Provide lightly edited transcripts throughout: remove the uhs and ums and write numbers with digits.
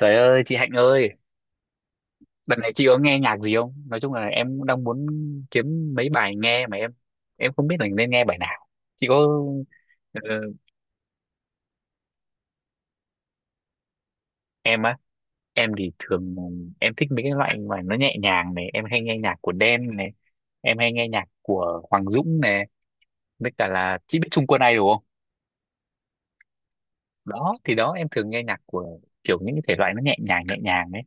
Trời ơi, chị Hạnh ơi, đợt này chị có nghe nhạc gì không? Nói chung là em đang muốn kiếm mấy bài nghe mà em không biết là nên nghe bài nào. Chị có ờ, em á, em thì thường em thích mấy cái loại mà nó nhẹ nhàng này, em hay nghe nhạc của Đen này, em hay nghe nhạc của Hoàng Dũng này, với cả là chị biết Trung Quân Ai đúng không? Đó, thì đó em thường nghe nhạc của kiểu những cái thể loại nó nhẹ nhàng đấy.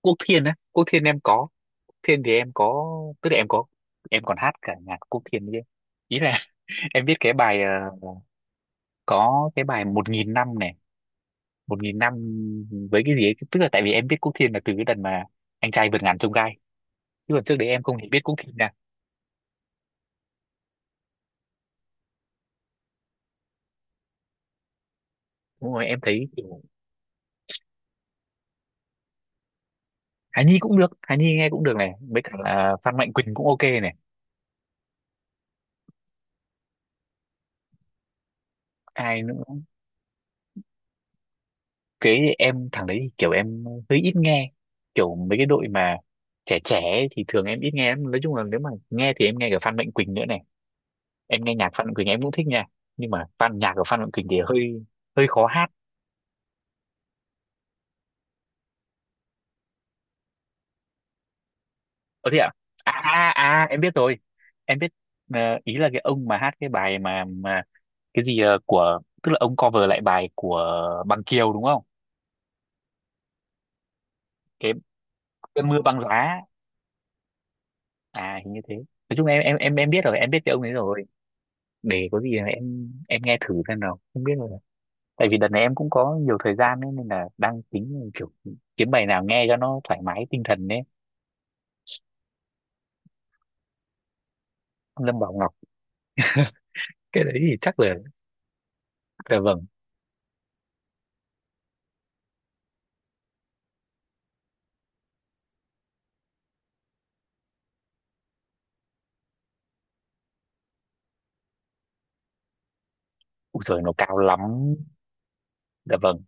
Quốc Thiên á, Quốc Thiên em có, Quốc Thiên thì em có, tức là em có, em còn hát cả nhạc Quốc Thiên chứ. Ý là em biết cái bài có cái bài một nghìn năm này, một nghìn năm với cái gì ấy, tức là tại vì em biết Quốc Thiên là từ cái đợt mà anh trai vượt ngàn chông gai, chứ còn trước đấy em không hề biết Quốc Thiên nè. Đúng rồi, em thấy kiểu Hà Nhi cũng được, Hà Nhi nghe cũng được này, với cả là Phan Mạnh Quỳnh cũng ok này. Ai nữa, cái em thằng đấy thì kiểu em hơi ít nghe, kiểu mấy cái đội mà trẻ trẻ ấy thì thường em ít nghe lắm. Nói chung là nếu mà nghe thì em nghe cả Phan Mạnh Quỳnh nữa này, em nghe nhạc Phan Mạnh Quỳnh em cũng thích nha, nhưng mà nhạc của Phan Mạnh Quỳnh thì hơi hơi khó hát. Ờ thế ạ? À? À, em biết rồi. Em biết, ý là cái ông mà hát cái bài mà cái gì, ờ, của tức là ông cover lại bài của Bằng Kiều đúng không? Cái Cơn mưa băng giá. À hình như thế. Nói chung em biết rồi, em biết cái ông ấy rồi. Để có gì là em nghe thử xem nào. Không biết rồi. Tại vì đợt này em cũng có nhiều thời gian ấy, nên là đang tính kiểu kiếm bài nào nghe cho nó thoải mái tinh thần đấy. Lâm Bảo Ngọc, cái đấy thì chắc là, dạ vâng. Ui rồi nó cao lắm. Dạ vâng.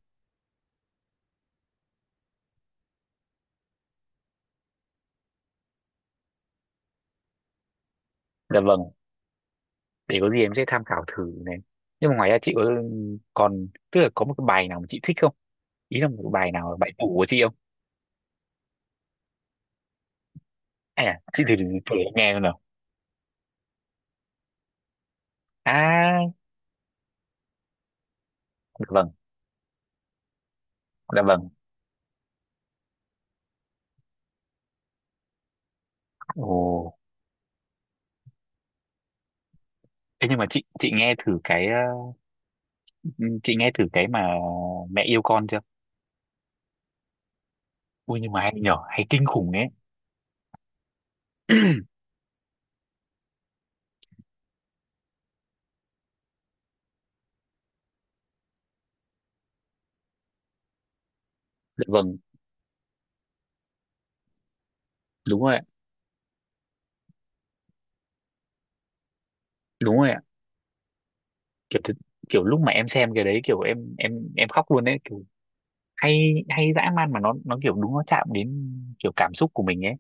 Dạ vâng. Để có gì em sẽ tham khảo thử này. Nhưng mà ngoài ra chị có còn tức là có một cái bài nào mà chị thích không, ý là một cái bài nào là bài tủ của chị không? À chị thử thử em nghe xem nào. À dạ vâng, dạ vâng. Ồ, thế nhưng mà chị nghe thử cái, chị nghe thử cái mà mẹ yêu con chưa. Ui nhưng mà hay nhở, hay kinh khủng ấy. Dạ vâng. Đúng rồi ạ. Đúng rồi ạ. Kiểu kiểu lúc mà em xem cái đấy kiểu em khóc luôn đấy, kiểu hay hay dã man mà nó kiểu đúng, nó chạm đến kiểu cảm xúc của mình ấy.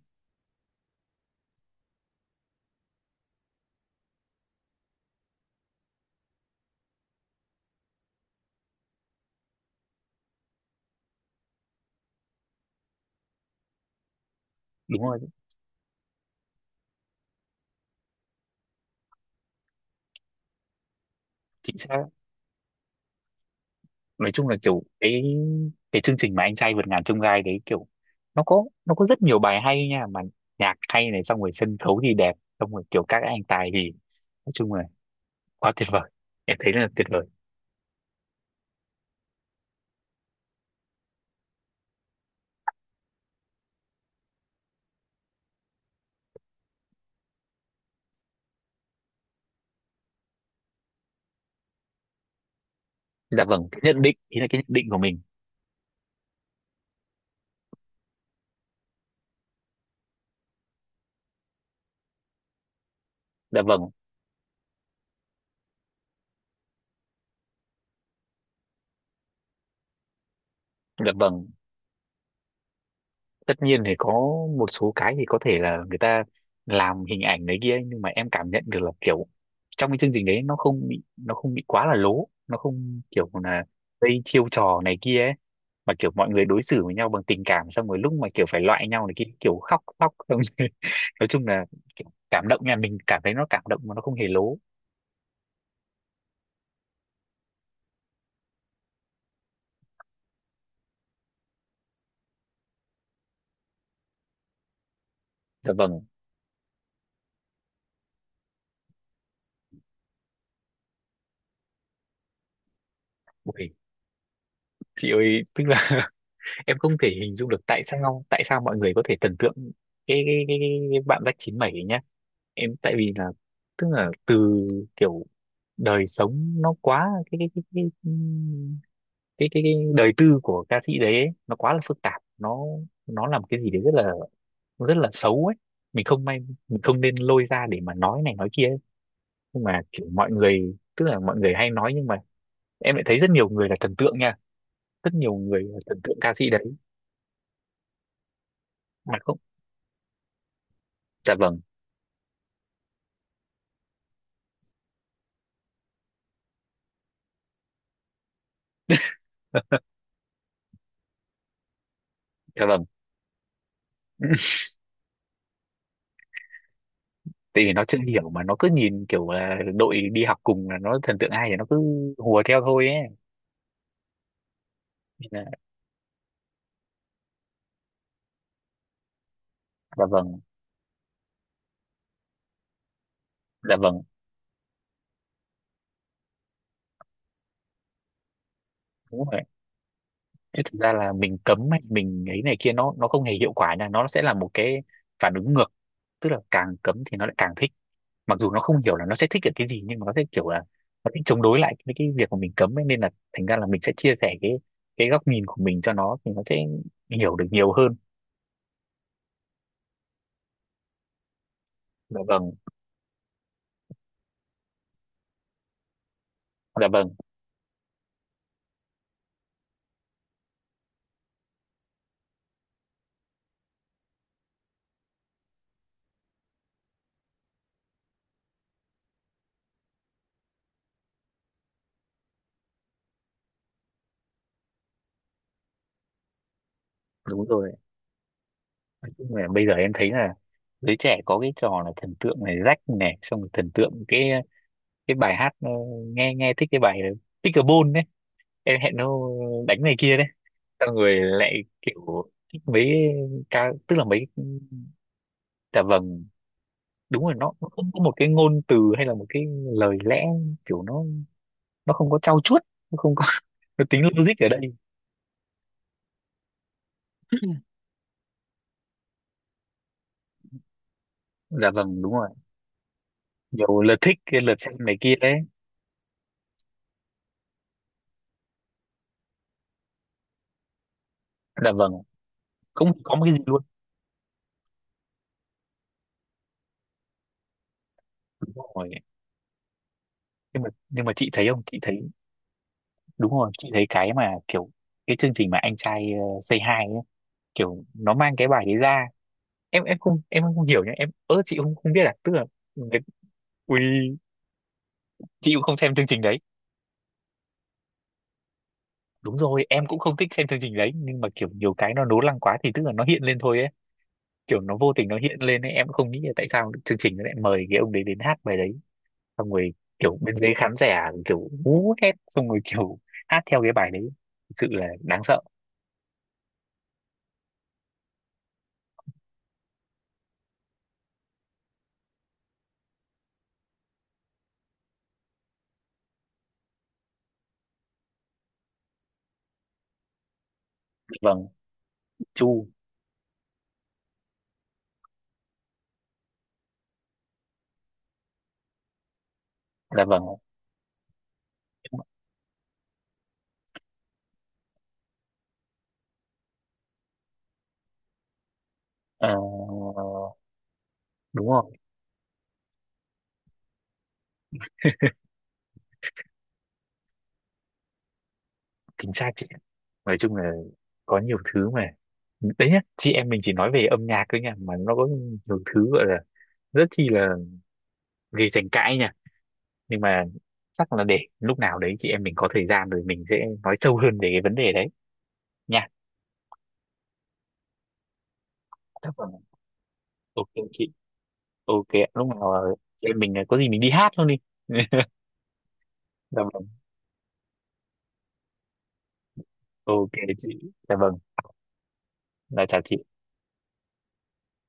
Đúng rồi. Chính xác. Nói chung là kiểu cái chương trình mà anh trai vượt ngàn chông gai đấy, kiểu nó có rất nhiều bài hay nha, mà nhạc hay này, xong rồi sân khấu thì đẹp, xong rồi kiểu các anh tài thì, nói chung là quá tuyệt vời, em thấy là tuyệt vời. Dạ vâng, cái nhận định, ý là cái nhận định của mình. Dạ vâng. Dạ vâng. Tất nhiên thì có một số cái thì có thể là người ta làm hình ảnh đấy kia, nhưng mà em cảm nhận được là kiểu trong cái chương trình đấy nó không bị, nó không bị quá là lố, nó không kiểu là gây chiêu trò này kia ấy, mà kiểu mọi người đối xử với nhau bằng tình cảm, xong rồi lúc mà kiểu phải loại nhau này, cái kiểu khóc khóc xong rồi nói chung là kiểu cảm động nha, mình cảm thấy nó cảm động mà nó không hề lố. Dạ vâng. Ui, chị ơi tức là em không thể hình dung được tại sao, tại sao mọi người có thể thần tượng cái bạn Jack 97 ấy nhá. Em tại vì là tức là từ kiểu đời sống nó quá cái cái đời tư của ca sĩ đấy ấy, nó quá là phức tạp, nó làm cái gì đấy rất là xấu ấy. Mình không may, mình không nên lôi ra để mà nói này nói kia ấy. Nhưng mà kiểu mọi người tức là mọi người hay nói, nhưng mà em lại thấy rất nhiều người là thần tượng nha, rất nhiều người là thần tượng ca sĩ đấy mà không. Dạ vâng. Dạ vâng. Tại vì nó chưa hiểu mà nó cứ nhìn kiểu là đội đi học cùng là nó thần tượng ai thì nó cứ hùa theo thôi ấy. Nên là, dạ vâng. Dạ vâng. Đúng rồi, chứ thực ra là mình cấm hay mình ấy này kia nó không hề hiệu quả nha, nó sẽ là một cái phản ứng ngược, tức là càng cấm thì nó lại càng thích, mặc dù nó không hiểu là nó sẽ thích được cái gì nhưng mà nó sẽ kiểu là nó thích chống đối lại với cái việc mà mình cấm ấy, nên là thành ra là mình sẽ chia sẻ cái góc nhìn của mình cho nó thì nó sẽ hiểu được nhiều hơn. Dạ vâng. Dạ vâng. Đúng rồi. Nói chung là bây giờ em thấy là giới trẻ có cái trò là thần tượng này, rách này, xong rồi thần tượng cái bài hát, nghe, thích cái bài, Pickleball đấy, em hẹn nó đánh này kia đấy, xong rồi lại kiểu thích mấy ca, tức là mấy. Dạ vâng. Đúng rồi, nó không có một cái ngôn từ hay là một cái lời lẽ, kiểu nó không có trau chuốt, nó không có nó tính logic ở đây. Dạ vâng. Đúng rồi, nhiều lượt thích, cái lượt xem này kia đấy. Dạ vâng, không có một cái gì luôn. Đúng rồi, nhưng mà chị thấy không, chị thấy, đúng rồi, chị thấy cái mà kiểu cái chương trình mà anh trai Say Hi ấy, kiểu nó mang cái bài đấy ra, em em không hiểu nhá, em ớ chị không không biết à, tức là người- ui chị cũng không xem chương trình đấy. Đúng rồi em cũng không thích xem chương trình đấy, nhưng mà kiểu nhiều cái nó nố lăng quá thì tức là nó hiện lên thôi ấy, kiểu nó vô tình nó hiện lên ấy. Em cũng không nghĩ là tại sao chương trình nó lại mời cái ông đấy đến hát bài đấy, xong rồi kiểu bên dưới khán giả kiểu hú hét, xong rồi kiểu hát theo cái bài đấy, thực sự là đáng sợ. Vâng. Chu là vâng. Ờ, đúng rồi. Chính xác chị, nói chung là có nhiều thứ mà, đấy nhá, chị em mình chỉ nói về âm nhạc thôi nha mà nó có nhiều thứ gọi là rất chi là gây tranh cãi nha. Nhưng mà chắc là để lúc nào đấy chị em mình có thời gian rồi mình sẽ nói sâu hơn về cái vấn đề đấy nha. Vâng. Ok chị. Ok ạ. Lúc nào chị em mình có gì mình đi hát luôn đi. Dạ vâng. Ok chị. Dạ vâng. Là chào chị.